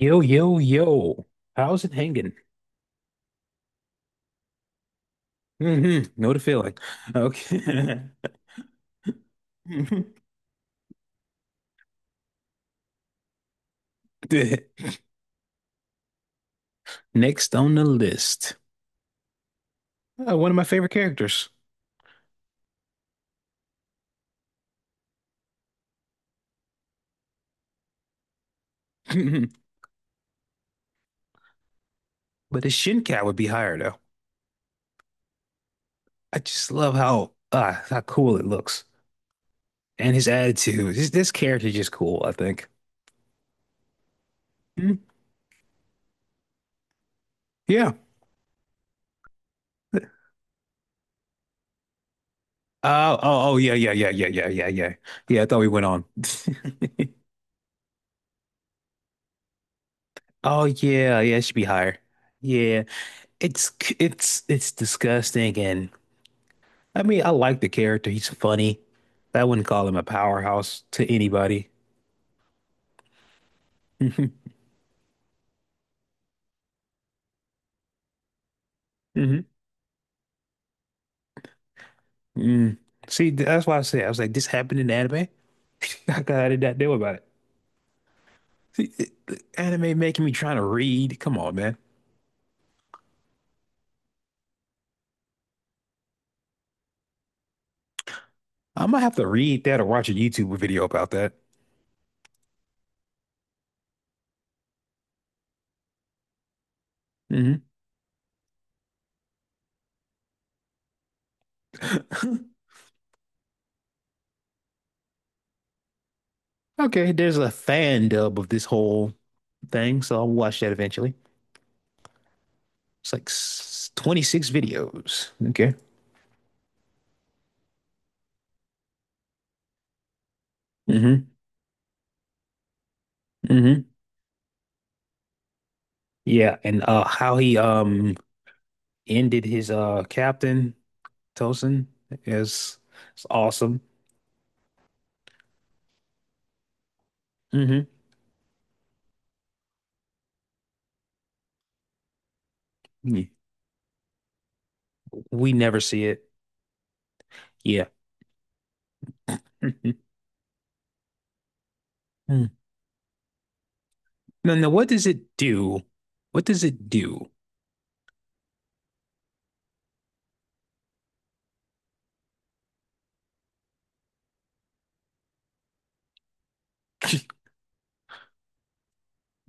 Yo, yo, yo. How's it hanging? Hmm Know the feeling. Okay. Next on the list. But his shin cap would be higher though. I just love how cool it looks. And his attitude. This character is just cool, I think. Mm, yeah. Oh, oh, oh, yeah, yeah, yeah, yeah, yeah, yeah, yeah. Yeah, I thought we went on. Oh yeah, yeah, it should be higher. Yeah. It's c- it's disgusting and I mean, I like the character. He's funny. I wouldn't call him a powerhouse to anybody. Hmm hmm Mm. See, that's why I said, I was like, this happened in anime. I did not know about it. See, the anime making me trying to read. Come on, man. I am gonna have to read that or watch a YouTube video about that. Hmm Okay, there's a fan dub of this whole thing, so I'll watch that eventually. It's like 26 videos. Okay. hmm hmm Yeah, and how he ended his captain Tosin. It's it's awesome. Hmm We never see it. Yeah. Mm. now no. What does it do? What does it do?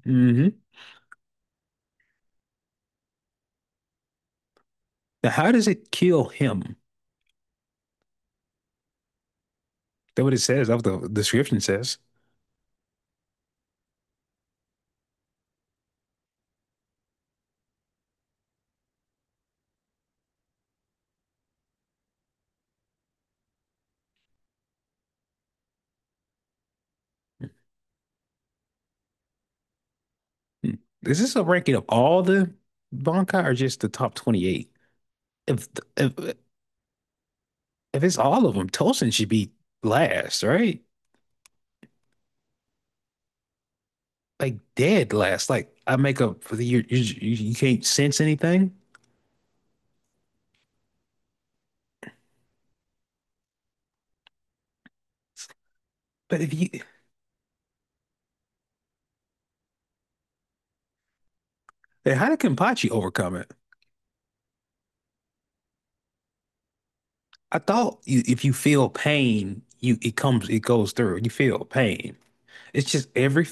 Hmm Now, how does it kill him? That's what it says. That's what the description says. Hmm. Is this a ranking of all the Bankai or just the top 28? If if if it's all of them, Tosin should be last, right? Like dead last. Like I make up for the you can't sense anything. But if you, then how did Kenpachi overcome it? I thought you, if you feel pain, you it comes, it goes through. You feel pain. It's just every.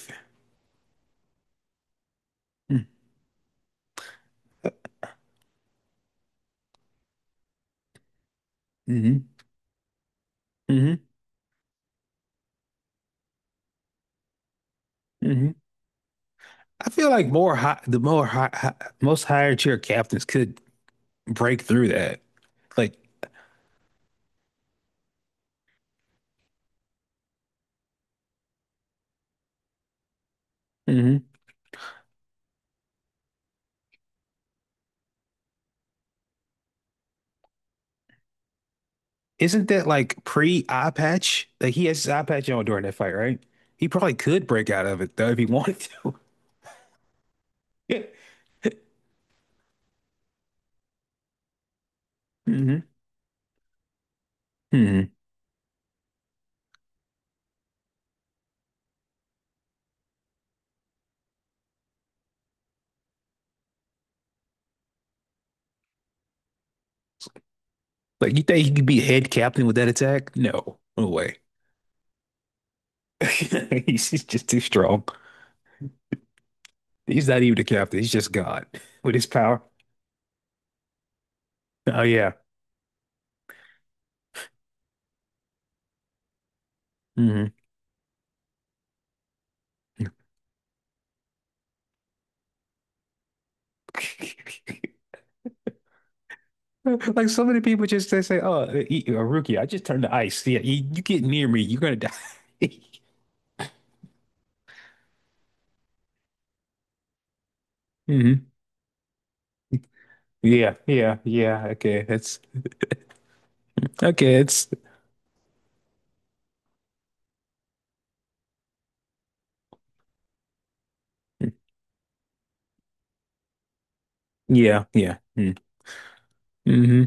Mm-hmm, mm-hmm, mm-hmm. I feel like more high, the more high, high, most higher tier captains could break through that. Like, hmm isn't that like pre eye patch? Like he has his eye patch on during that fight, right? He probably could break out of it though if he wanted to. Yeah. hmm hmm Like, you think he could be head captain with that attack? No, no way. He's just too strong. He's not even the captain. He's just God with his power. Oh yeah. hmm Like so many people just they say, "Oh, rookie, I just turned to ice. Yeah, you get near me, you're gonna die." hmm Yeah, yeah, yeah. Okay, that's okay. It's yeah, yeah. Mm-hmm. mm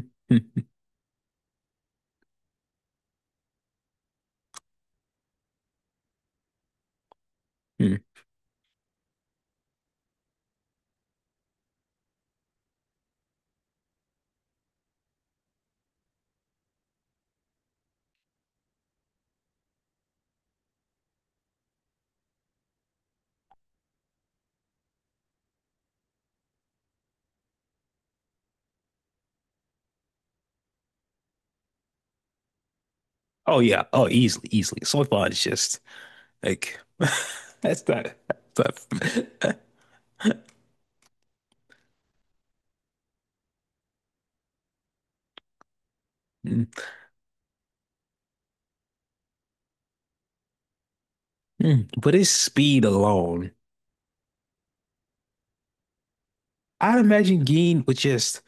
Oh yeah. Oh, easily, easily. So far, it's just like that's not that's not. Mm. Mm. But his speed alone. I'd imagine Gene would just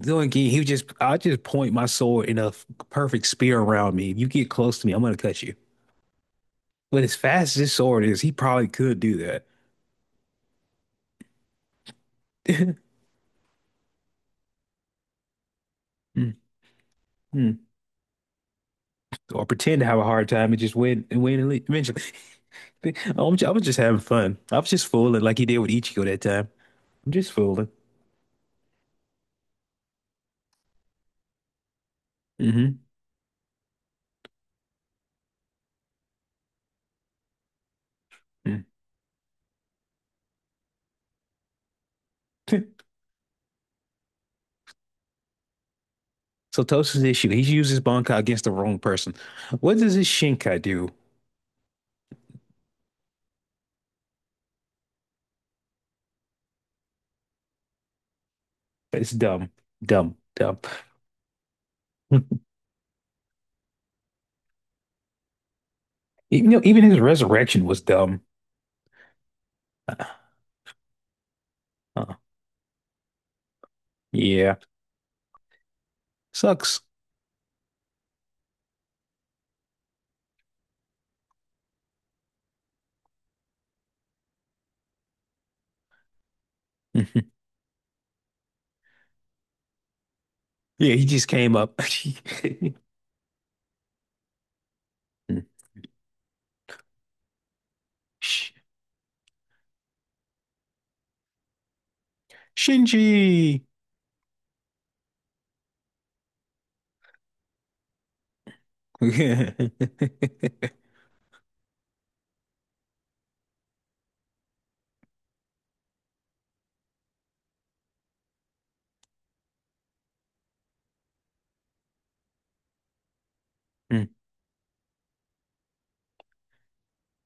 doing Gene, he would just I'd just point my sword in a perfect spear around me. If you get close to me, I'm gonna cut you. But as fast as his sword is, he probably could do that. Hmm, hmm. Or pretend to have a hard time and just win and win and leave eventually. I was just having fun. I was just fooling like he did with Ichigo that time. I'm just fooling. Mm-hmm. hmm Mm. So Tosa's issue, he's used his Bankai against the wrong person. What does his Shinkai do? It's dumb, dumb, dumb. You know, even his resurrection was dumb. Uh, uh, yeah, sucks. Yeah, he just came up. Shinji. Mm.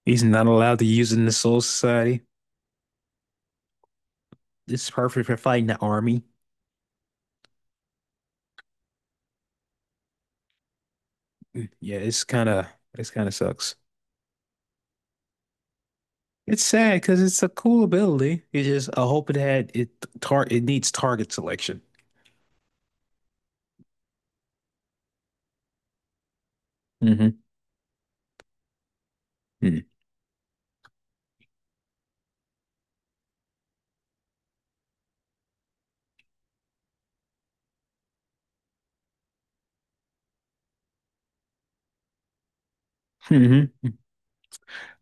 He's not allowed to use it in the Soul Society. It's perfect for fighting the army. Mm, yeah, it's kind of sucks. It's sad because it's a cool ability. It's just I hope it had it tar it needs target selection. Hmm Mm-hmm.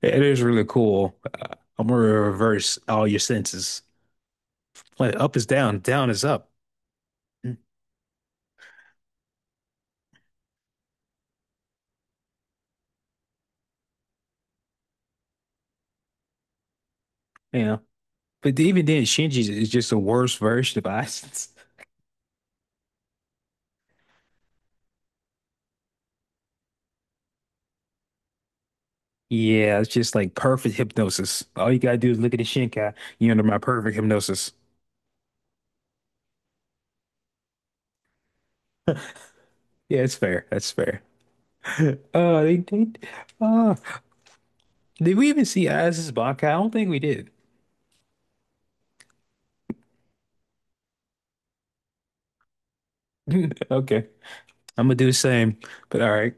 It is really cool. I'm gonna reverse all your senses. Like up is down, down is up. You know, but even then, Shinji is just the worst version of Aizen. Yeah, it's just like perfect hypnosis. All you gotta do is look at the Shinkai. You under my perfect hypnosis. Yeah, it's fair. That's fair. They uh, did we even see Aizen's Bankai? I don't think we did. Okay, I'm gonna do the same. But all right.